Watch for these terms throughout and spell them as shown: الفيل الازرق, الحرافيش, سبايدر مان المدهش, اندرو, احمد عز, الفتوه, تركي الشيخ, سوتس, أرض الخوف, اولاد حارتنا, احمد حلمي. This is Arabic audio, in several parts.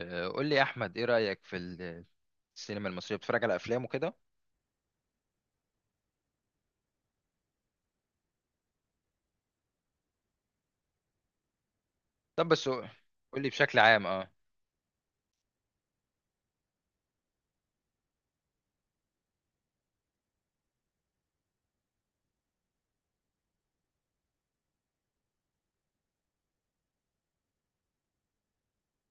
قول لي يا احمد، ايه رايك في السينما المصريه؟ بتتفرج على افلام وكده؟ طب بس قول لي بشكل عام. اه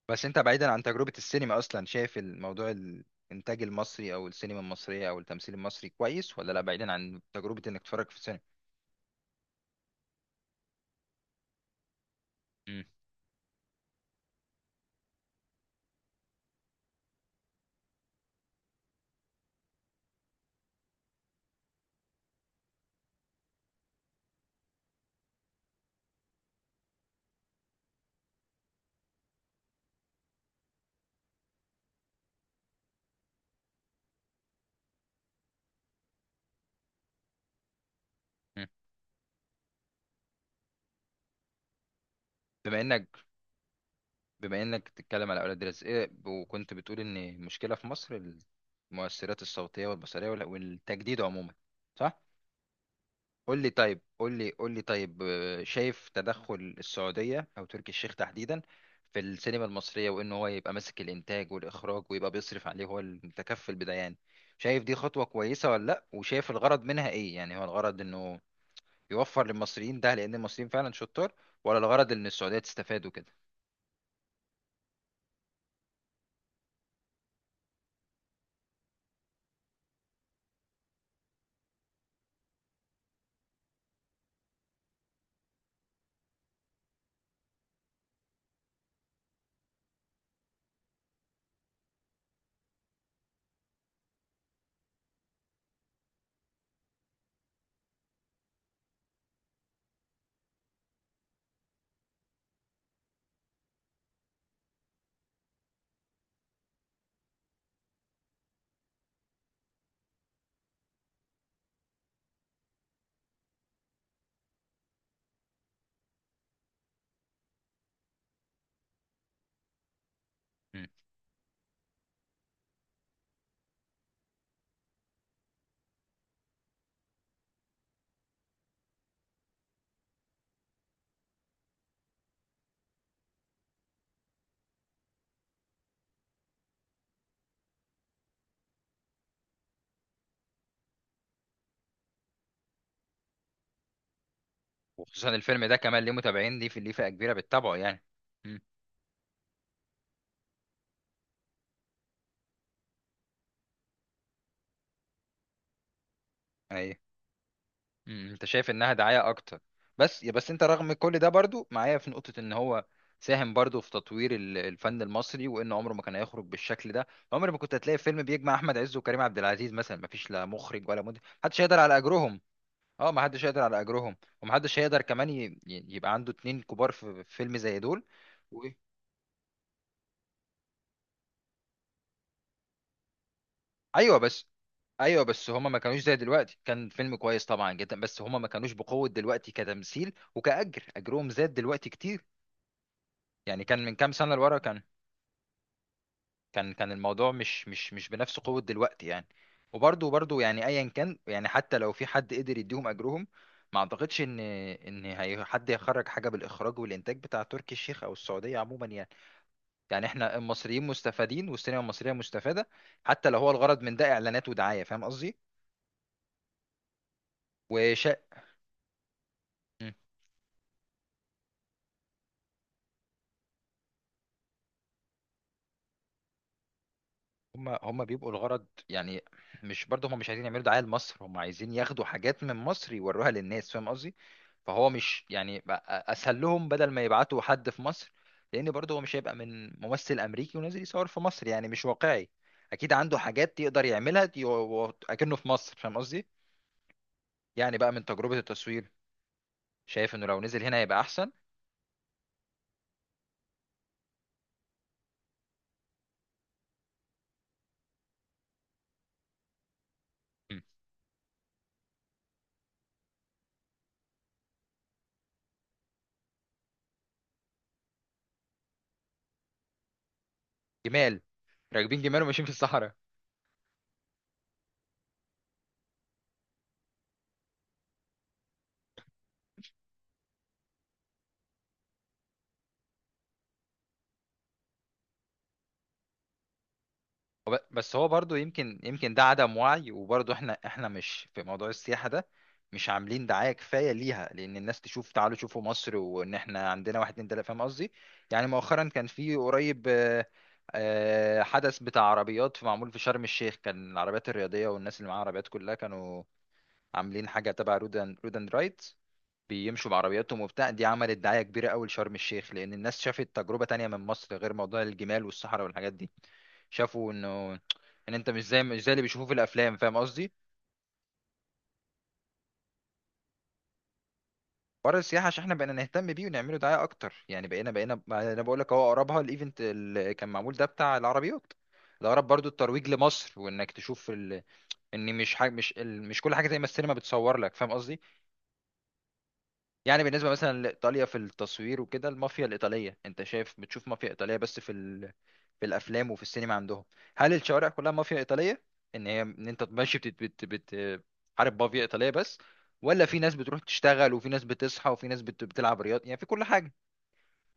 بس انت بعيدا عن تجربه السينما اصلا، شايف الموضوع الانتاج المصري او السينما المصريه او التمثيل المصري كويس ولا لا، بعيدا عن تجربه انك تتفرج في السينما؟ مم. مم. بما انك بما انك بتتكلم على اولاد رزق إيه، وكنت بتقول ان المشكله في مصر المؤثرات الصوتيه والبصريه والتجديد عموما، صح؟ قول لي طيب قول لي قول لي طيب آه، شايف تدخل السعودية أو تركي الشيخ تحديدا في السينما المصرية، وإن هو يبقى ماسك الإنتاج والإخراج ويبقى بيصرف عليه، هو المتكفل بده يعني؟ شايف دي خطوة كويسة ولا لأ؟ وشايف الغرض منها إيه؟ يعني هو الغرض إنه يوفر للمصريين ده، لأن المصريين فعلا شطار، ولا الغرض إن السعودية تستفاد وكده؟ مم. وخصوصا الفيلم ده كمان، ليه متابعين، ليه فئة كبيرة بتتابعه يعني. مم. أيوه. مم، انت شايف انها دعاية اكتر. بس انت رغم كل ده برضو معايا في نقطة ان هو ساهم برضو في تطوير الفن المصري، وان عمره ما كان هيخرج بالشكل ده. عمر ما كنت هتلاقي فيلم بيجمع احمد عز وكريم عبد العزيز مثلا، ما فيش لا مخرج ولا منتج، محدش هيقدر على اجرهم. اه ما حدش هيقدر على اجرهم، ومحدش هيقدر كمان يبقى عنده اتنين كبار في فيلم زي دول. و... ايوه بس ايوه بس هما ما كانوش زي دلوقتي، كان فيلم كويس طبعا جدا، بس هما ما كانوش بقوة دلوقتي كتمثيل وكأجر، اجرهم زاد دلوقتي كتير. يعني كان من كام سنة لورا، كان كان كان الموضوع مش بنفس قوة دلوقتي يعني. وبرضه يعني ايا كان، يعني حتى لو في حد قدر يديهم اجرهم، ما اعتقدش ان هي حد يخرج حاجة بالاخراج والانتاج بتاع تركي الشيخ او السعودية عموما يعني. يعني احنا المصريين مستفادين، والسينما المصرية مستفادة، حتى لو هو الغرض من ده اعلانات ودعاية، فاهم قصدي؟ وشا هم بيبقوا الغرض يعني. مش برضه، هم مش عايزين يعملوا دعاية لمصر، هم عايزين ياخدوا حاجات من مصر يوروها للناس، فاهم قصدي؟ فهو مش يعني بقى اسهل لهم بدل ما يبعتوا حد في مصر؟ لان برضه هو مش هيبقى من ممثل امريكي ونازل يصور في مصر، يعني مش واقعي. اكيد عنده حاجات يقدر يعملها اكنه في مصر، فاهم قصدي؟ يعني بقى من تجربة التصوير، شايف انه لو نزل هنا هيبقى احسن. م. جمال، راكبين جمال وماشيين في الصحراء. بس هو برضو، يمكن ده عدم وعي. وبرضو احنا، مش في موضوع السياحة ده، مش عاملين دعاية كفاية ليها، لأن الناس تشوف تعالوا شوفوا مصر، وإن احنا عندنا واحد اتنين تلاتة، فاهم قصدي؟ يعني مؤخرا كان في قريب حدث بتاع عربيات معمول في شرم الشيخ. كان العربيات الرياضية والناس اللي معاها عربيات كلها كانوا عاملين حاجة تبع رود اند رود اند رايت، بيمشوا بعربياتهم وبتاع. دي عملت دعاية كبيرة أوي لشرم الشيخ، لأن الناس شافت تجربة تانية من مصر، غير موضوع الجمال والصحراء والحاجات دي. شافوا انه ان انت مش زي اللي بيشوفوه في الافلام، فاهم قصدي. حوار السياحه، عشان احنا بقينا نهتم بيه ونعمله دعايه اكتر يعني. بقينا ما انا بقول لك، اهو اقربها الايفنت اللي كان معمول ده بتاع العربيات، ده اقرب برضو الترويج لمصر، وانك تشوف ال... ان مش حاجه، مش ال... مش كل حاجه زي ما السينما بتصور لك، فاهم قصدي. يعني بالنسبة مثلا لإيطاليا في التصوير وكده، المافيا الإيطالية، أنت شايف بتشوف مافيا إيطالية بس في ال... في الأفلام وفي السينما عندهم. هل الشوارع كلها مافيا إيطالية؟ إن هي، أنت ماشي حارب مافيا إيطالية بس، ولا في ناس بتروح تشتغل، وفي ناس بتصحى، وفي ناس بتلعب رياضة، يعني في كل حاجة؟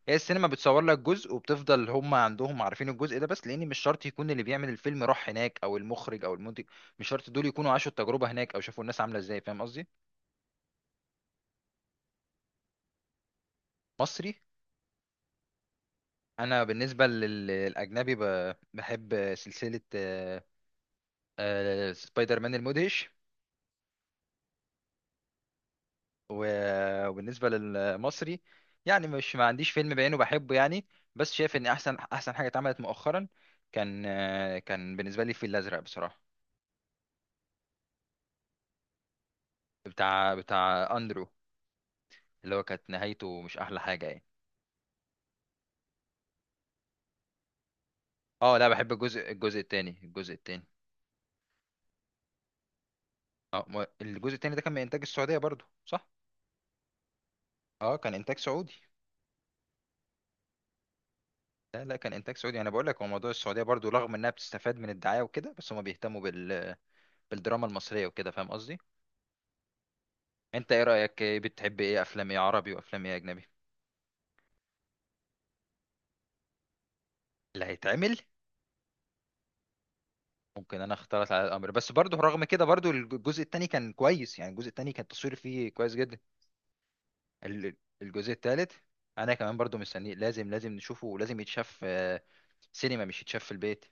هي السينما بتصور لك جزء، وبتفضل هم عندهم عارفين الجزء ده بس، لأن مش شرط يكون اللي بيعمل الفيلم راح هناك أو المخرج أو المنتج. مش شرط دول يكونوا عاشوا التجربة هناك أو شافوا الناس عاملة إزاي، فاهم قصدي؟ مصري. انا بالنسبه للاجنبي، بحب سلسله سبايدر مان المدهش. وبالنسبه للمصري، يعني مش، ما عنديش فيلم بعينه بحبه يعني، بس شايف ان احسن حاجه اتعملت مؤخرا كان، كان بالنسبه لي الفيل الازرق بصراحه. بتاع اندرو، اللي هو كانت نهايته مش احلى حاجه يعني. اه لا، بحب الجزء التاني، الجزء التاني. اه الجزء التاني ده كان من انتاج السعوديه برضو، صح؟ اه كان انتاج سعودي. لا لا، كان انتاج سعودي، انا بقول لك. هو موضوع السعوديه برضو، رغم انها بتستفاد من الدعايه وكده، بس هما بيهتموا بال... بالدراما المصريه وكده، فاهم قصدي. انت ايه رايك؟ إيه بتحب، ايه افلام، ايه عربي وافلام ايه اجنبي؟ اللي هيتعمل. ممكن انا اختلط على الامر، بس برضو رغم كده، برضو الجزء التاني كان كويس يعني، الجزء التاني كان التصوير فيه كويس جدا. ال- الجزء التالت، انا كمان برضو مستنيه، لازم نشوفه، ولازم يتشاف. سينما، مش يتشاف في البيت.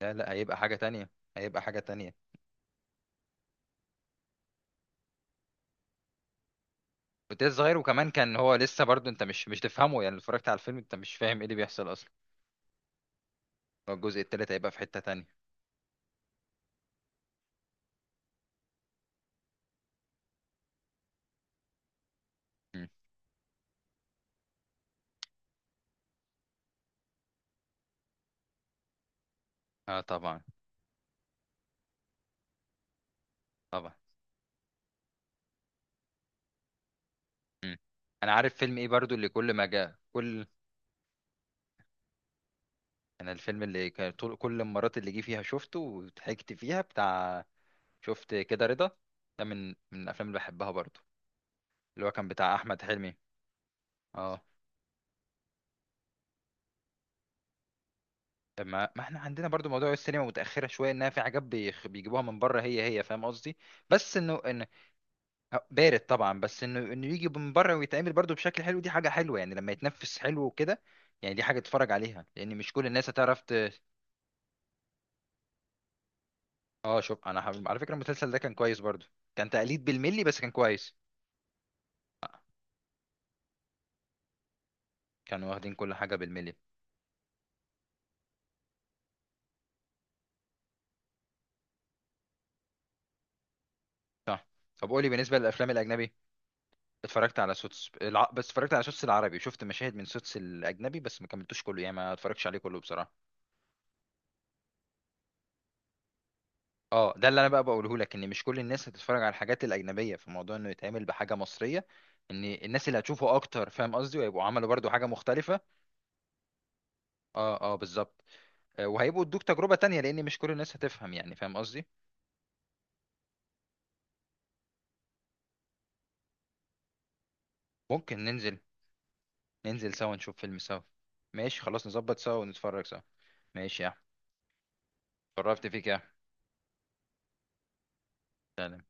لا لا، هيبقى حاجه تانية، هيبقى حاجه تانية. وده صغير، وكمان كان هو لسه برضه، انت مش تفهمه يعني، لو اتفرجت على الفيلم انت مش فاهم ايه اللي بيحصل اصلا. هو الجزء التالت هيبقى في حتة تانية. مم. اه طبعا. طبعا. مم. انا عارف فيلم ايه برضه، اللي كل ما جاء كل، انا الفيلم اللي كان طول كل المرات اللي جه فيها شفته وضحكت فيها بتاع، شفت كده رضا، ده من الافلام اللي بحبها برضه، اللي هو كان بتاع احمد حلمي. اه ما احنا عندنا برضو موضوع السينما متأخرة شوية، انها في حاجات بيجيبوها من بره، هي، فاهم قصدي. بس انه ان، أه، بارد طبعا، بس انه يجي من بره ويتعمل برضه بشكل حلو، دي حاجه حلوه يعني، لما يتنفس حلو وكده. يعني دي حاجه تتفرج عليها، لان مش كل الناس هتعرف ت... اه شوف، انا على فكره المسلسل ده كان كويس برضه، كان تقليد بالملي بس كان كويس. آه، كانوا واخدين كل حاجه بالملي، صح. طب قولي بالنسبه للافلام الاجنبي. اتفرجت على سوتس الع... بس اتفرجت على سوتس العربي، شفت مشاهد من سوتس الاجنبي بس ما كملتوش كله، يعني ما اتفرجتش عليه كله بصراحه. اه ده اللي انا بقى بقوله لك، ان مش كل الناس هتتفرج على الحاجات الاجنبيه، في موضوع انه يتعمل بحاجه مصريه، ان الناس اللي هتشوفه اكتر، فاهم قصدي، وهيبقوا عملوا برضو حاجه مختلفه. اه اه بالظبط. وهيبقوا ادوك تجربه تانية، لان مش كل الناس هتفهم يعني، فاهم قصدي. ممكن ننزل. ننزل سوا، نشوف فيلم سوا. ماشي خلاص، نظبط سوا ونتفرج سوا. ماشي يا أحمد. اتشرفت فيك يا أحمد. سلام.